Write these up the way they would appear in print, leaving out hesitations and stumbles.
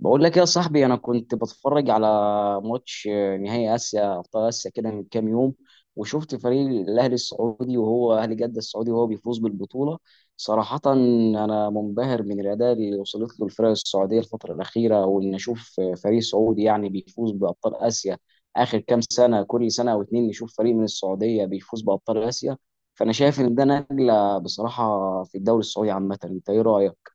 بقول لك يا صاحبي، انا كنت بتفرج على ماتش نهائي اسيا ابطال اسيا كده من كام يوم. وشفت فريق الاهلي السعودي، وهو اهلي جده السعودي، وهو بيفوز بالبطوله. صراحه انا منبهر من الاداء اللي وصلت له الفرق السعوديه الفتره الاخيره، وان اشوف فريق سعودي بيفوز بابطال اسيا. اخر كام سنه، كل سنه او اتنين نشوف فريق من السعوديه بيفوز بابطال اسيا. فانا شايف ان ده نقله بصراحه في الدوري السعودي عامه. انت ايه رايك؟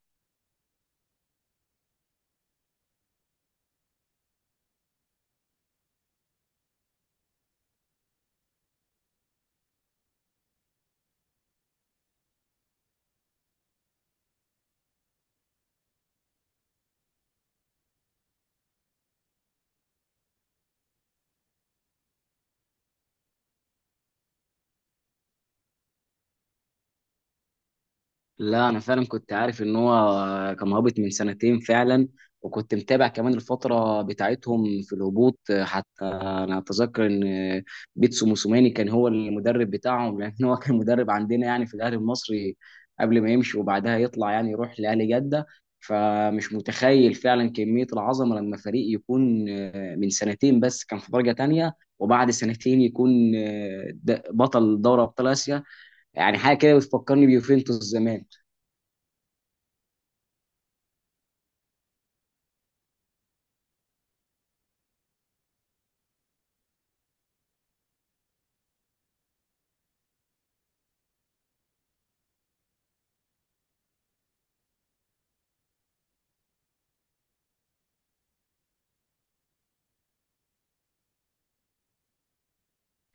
لا انا فعلا كنت عارف ان هو كان هابط من سنتين فعلا، وكنت متابع كمان الفتره بتاعتهم في الهبوط. حتى انا اتذكر ان بيتسو موسوماني كان هو المدرب بتاعهم، لان هو كان مدرب عندنا في الاهلي المصري قبل ما يمشي، وبعدها يطلع يروح لاهلي جده. فمش متخيل فعلا كميه العظمه لما فريق يكون من سنتين بس كان في درجه تانية، وبعد سنتين يكون بطل دوري ابطال اسيا. حاجه كده بتفكرني بيوفنتوس زمان.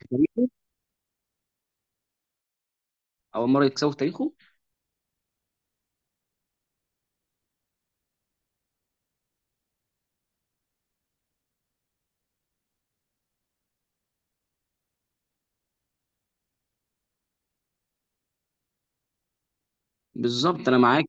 تاريخه، اول مره يكسبوا في تاريخه. بالظبط، انا معاك،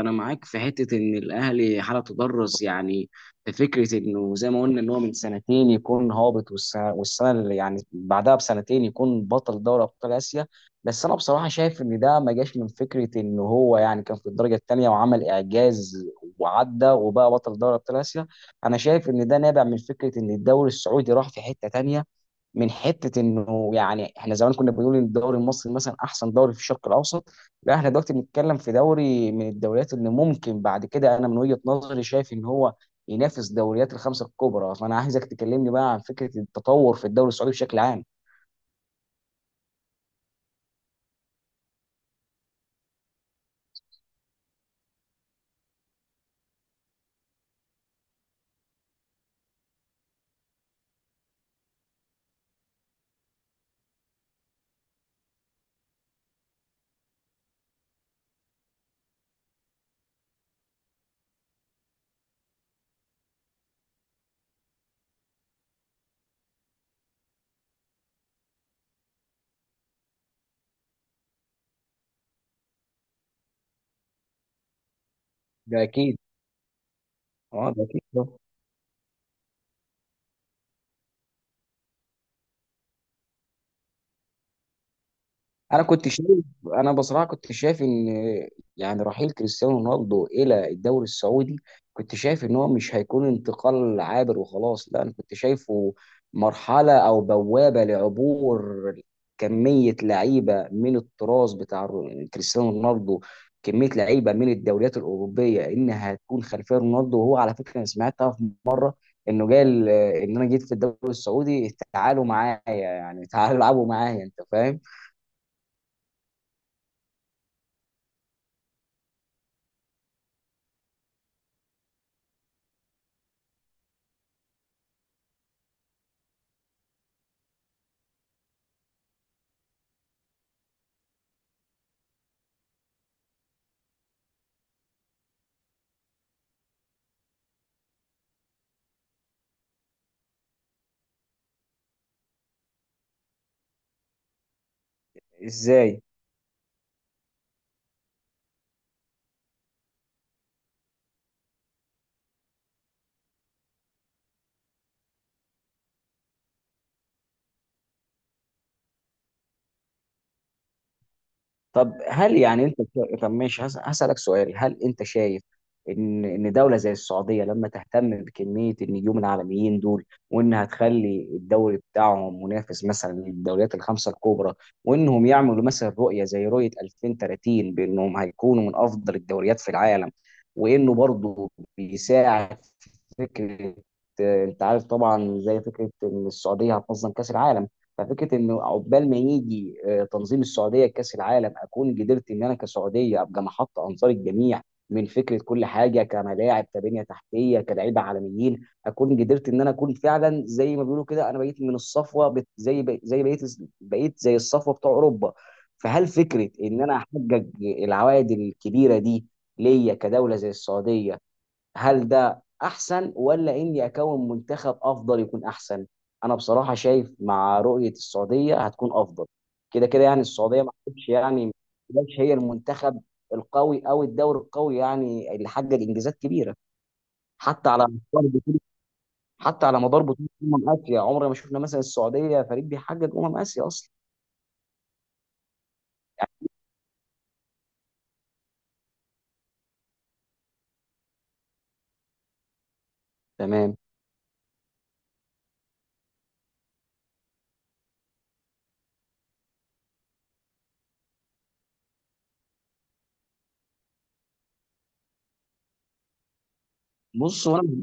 انا معاك في حته ان الاهلي حاله تدرس في فكره انه زي ما قلنا ان هو من سنتين يكون هابط، والسنه اللي بعدها بسنتين يكون بطل دوري ابطال اسيا. بس انا بصراحه شايف ان ده ما جاش من فكره ان هو كان في الدرجه الثانيه وعمل اعجاز وعدى وبقى بطل دوري ابطال اسيا. انا شايف ان ده نابع من فكره ان الدوري السعودي راح في حته تانيه. من حته انه احنا زمان كنا بنقول ان الدوري المصري مثلا احسن دوري في الشرق الاوسط، لا احنا دلوقتي بنتكلم في دوري من الدوريات اللي ممكن بعد كده، انا من وجهه نظري شايف ان هو ينافس دوريات الخمسه الكبرى. فانا عايزك تكلمني بقى عن فكره التطور في الدوري السعودي بشكل عام. ده اكيد. اه ده اكيد. انا كنت شايف، انا بصراحه كنت شايف ان رحيل كريستيانو رونالدو الى الدوري السعودي، كنت شايف ان هو مش هيكون انتقال عابر وخلاص. لا انا كنت شايفه مرحله او بوابه لعبور كميه لعيبه من التراث بتاع كريستيانو رونالدو، كميه لعيبه من الدوريات الاوروبيه انها هتكون خلفيه رونالدو. وهو على فكره انا سمعتها في مره انه قال ان انا جيت في الدوري السعودي تعالوا معايا، تعالوا العبوا معايا، انت فاهم؟ ازاي؟ طب هل طب ماشي، هسألك سؤال، هل انت شايف ان دولة زي السعودية لما تهتم بكمية النجوم العالميين دول، وانها تخلي الدوري بتاعهم منافس مثلا للدوريات الخمسة الكبرى، وانهم يعملوا مثلا رؤية زي رؤية 2030 بانهم هيكونوا من افضل الدوريات في العالم، وانه برضه بيساعد فكره، انت عارف طبعا زي فكره ان السعوديه هتنظم كاس العالم. ففكره ان عقبال ما يجي تنظيم السعوديه كاس العالم، اكون قدرت ان انا كسعوديه ابقى محط انظار الجميع من فكره كل حاجه، كملاعب، كبنيه تحتيه، كلاعيبه عالميين، اكون قدرت ان انا اكون فعلا زي ما بيقولوا كده انا بقيت من الصفوه، بت- زي ب- زي بقيت بقيت زي الصفوه بتوع اوروبا. فهل فكره ان انا احقق العوائد الكبيره دي ليا كدوله زي السعوديه، هل ده احسن، ولا اني اكون منتخب افضل يكون احسن؟ انا بصراحه شايف مع رؤيه السعوديه هتكون افضل. كده كده السعوديه ما كانتش، ما كانتش هي المنتخب القوي او الدوري القوي اللي حقق انجازات كبيره حتى على مدار بطوله. حتى على مدار بطوله اسيا عمرنا ما شفنا مثلا السعوديه فريق بيحقق اسيا اصلا. تمام. بص، وانا،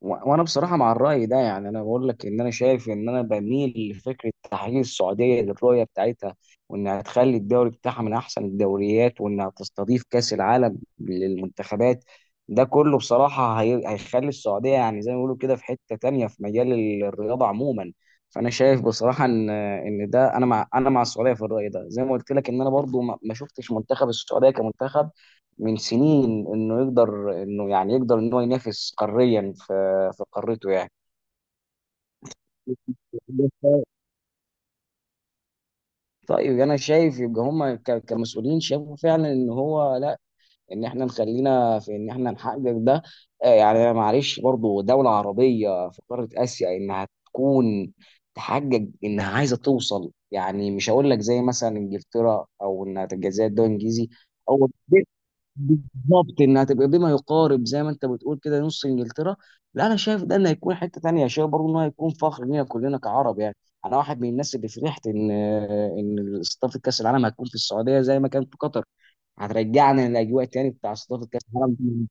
وانا بصراحه مع الراي ده، انا بقول لك ان انا شايف ان انا بميل لفكره تحقيق السعوديه للرؤيه بتاعتها، وانها تخلي الدوري بتاعها من احسن الدوريات، وانها تستضيف كاس العالم للمنتخبات. ده كله بصراحه هيخلي السعوديه زي ما بيقولوا كده في حته تانية في مجال الرياضه عموما. فانا شايف بصراحه ان ده، انا مع، السعوديه في الراي ده. زي ما قلت لك ان انا برضو ما شفتش منتخب السعوديه كمنتخب من سنين انه يقدر انه يقدر ان هو ينافس قاريا في في قارته يعني. طيب انا شايف يبقى هم كمسؤولين شافوا فعلا ان هو لا، ان احنا نخلينا في ان احنا نحقق ده. يعني أنا معلش برضو دولة عربية في قارة اسيا انها تكون، تحقق انها عايزة توصل، مش هقول لك زي مثلا انجلترا او انها تبقى زي الدول الانجليزي، او بالظبط انها تبقى بما يقارب زي ما انت بتقول كده نص انجلترا، لا انا شايف ده انه هيكون حته تانيه. شايف برضه انه هيكون فخر لينا كلنا كعرب يعني. انا واحد من الناس اللي فرحت ان استضافه كاس العالم هتكون في السعوديه زي ما كان في قطر. هترجعنا للاجواء تاني بتاع استضافه كاس العالم.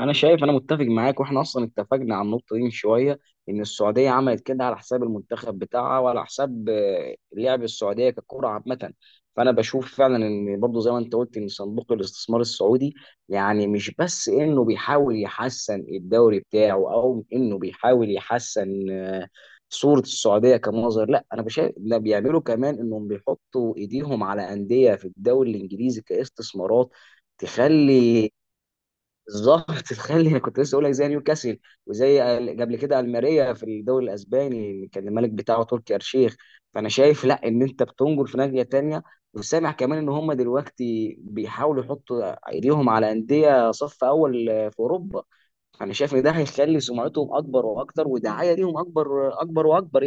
انا شايف، انا متفق معاك، واحنا اصلا اتفقنا على النقطه دي من شويه، ان السعوديه عملت كده على حساب المنتخب بتاعها وعلى حساب لعب السعوديه ككره عامه. فانا بشوف فعلا ان برضه زي ما انت قلت ان صندوق الاستثمار السعودي، مش بس انه بيحاول يحسن الدوري بتاعه، او انه بيحاول يحسن صوره السعوديه كمنظر. لا انا بشايف ده، بيعملوا كمان انهم بيحطوا ايديهم على انديه في الدوري الانجليزي كاستثمارات تخلي، بالظبط. تخيل، انا كنت لسه اقول لك زي نيوكاسل، وزي قبل كده الماريا في الدوري الاسباني اللي كان الملك بتاعه تركي آل-شيخ. فانا شايف لا، ان انت بتنجر في ناحيه تانيه، وسامع كمان ان هم دلوقتي بيحاولوا يحطوا ايديهم على انديه صف اول في اوروبا. فانا شايف ان ده هيخلي سمعتهم اكبر واكتر، ودعايه ليهم اكبر اكبر واكبر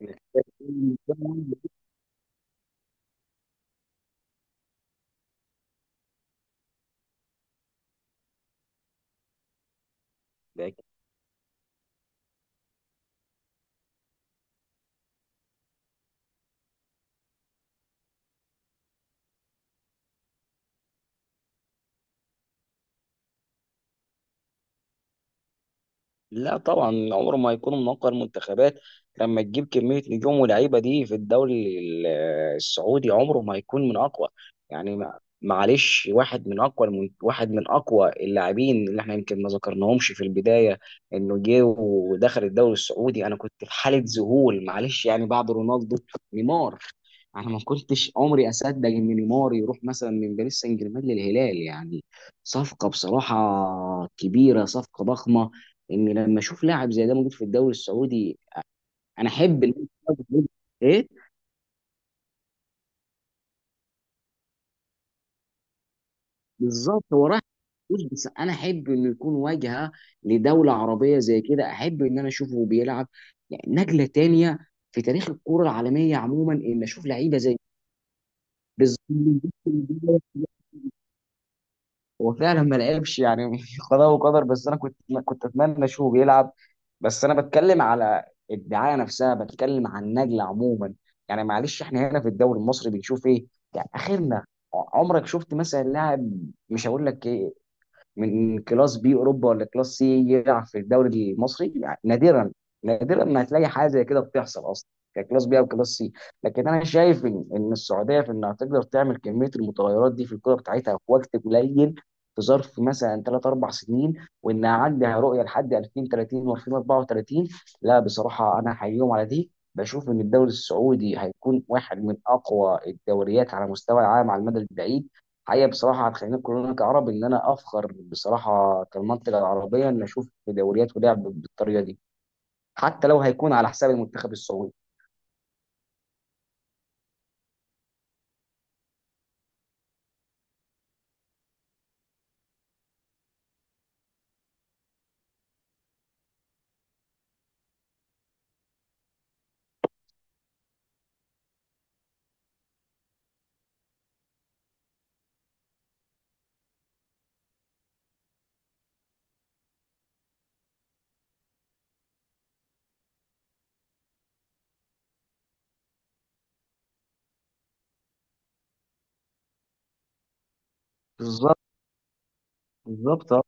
يعني. لا طبعا عمره ما هيكون منقذ منتخبات، لما تجيب كمية نجوم ولاعيبة دي في الدوري السعودي. عمره ما هيكون من أقوى يعني. معلش، واحد من أقوى واحد من أقوى اللاعبين اللي احنا يمكن ما ذكرناهمش في البداية، إنه جه ودخل الدوري السعودي أنا كنت في حالة ذهول. معلش يعني، بعد رونالدو، نيمار. أنا ما كنتش عمري أصدق إن نيمار يروح مثلا من باريس سان جيرمان للهلال يعني. صفقة بصراحة كبيرة، صفقة ضخمة، ان لما اشوف لاعب زي ده موجود في الدوري السعودي. انا احب ان، ايه؟ بالظبط، هو رايح فلوس، بس انا احب انه يكون واجهه لدوله عربيه زي كده. احب ان انا اشوفه بيلعب، نقله تانية في تاريخ الكره العالميه عموما، ان اشوف لعيبه زي. بالظبط. هو فعلا ما لعبش يعني. قضاء وقدر، بس انا كنت، كنت اتمنى اشوفه بيلعب. بس انا بتكلم على الدعايه نفسها، بتكلم عن النجله عموما. يعني معلش احنا هنا في الدوري المصري بنشوف ايه؟ يعني اخرنا، عمرك شفت مثلا لاعب، مش هقول لك من كلاس بي اوروبا ولا كلاس سي يلعب في الدوري المصري؟ يعني نادرا. نادرا ما هتلاقي حاجه زي كده بتحصل اصلا، ككلاس بي او كلاس سي. لكن انا شايف ان السعوديه في انها تقدر تعمل كميه المتغيرات دي في الكره بتاعتها في وقت قليل، في ظرف مثلا 3 4 سنين، وانها عندها رؤيه لحد 2030 و2034، لا بصراحه انا احييهم على دي. بشوف ان الدوري السعودي هيكون واحد من اقوى الدوريات على مستوى العالم على المدى البعيد. حقيقة بصراحة هتخلينا كلنا كعرب إن أنا أفخر بصراحة كالمنطقة العربية إن أشوف دوريات ولعب بالطريقة دي، حتى لو هيكون على حساب المنتخب السعودي. بالظبط بالظبط.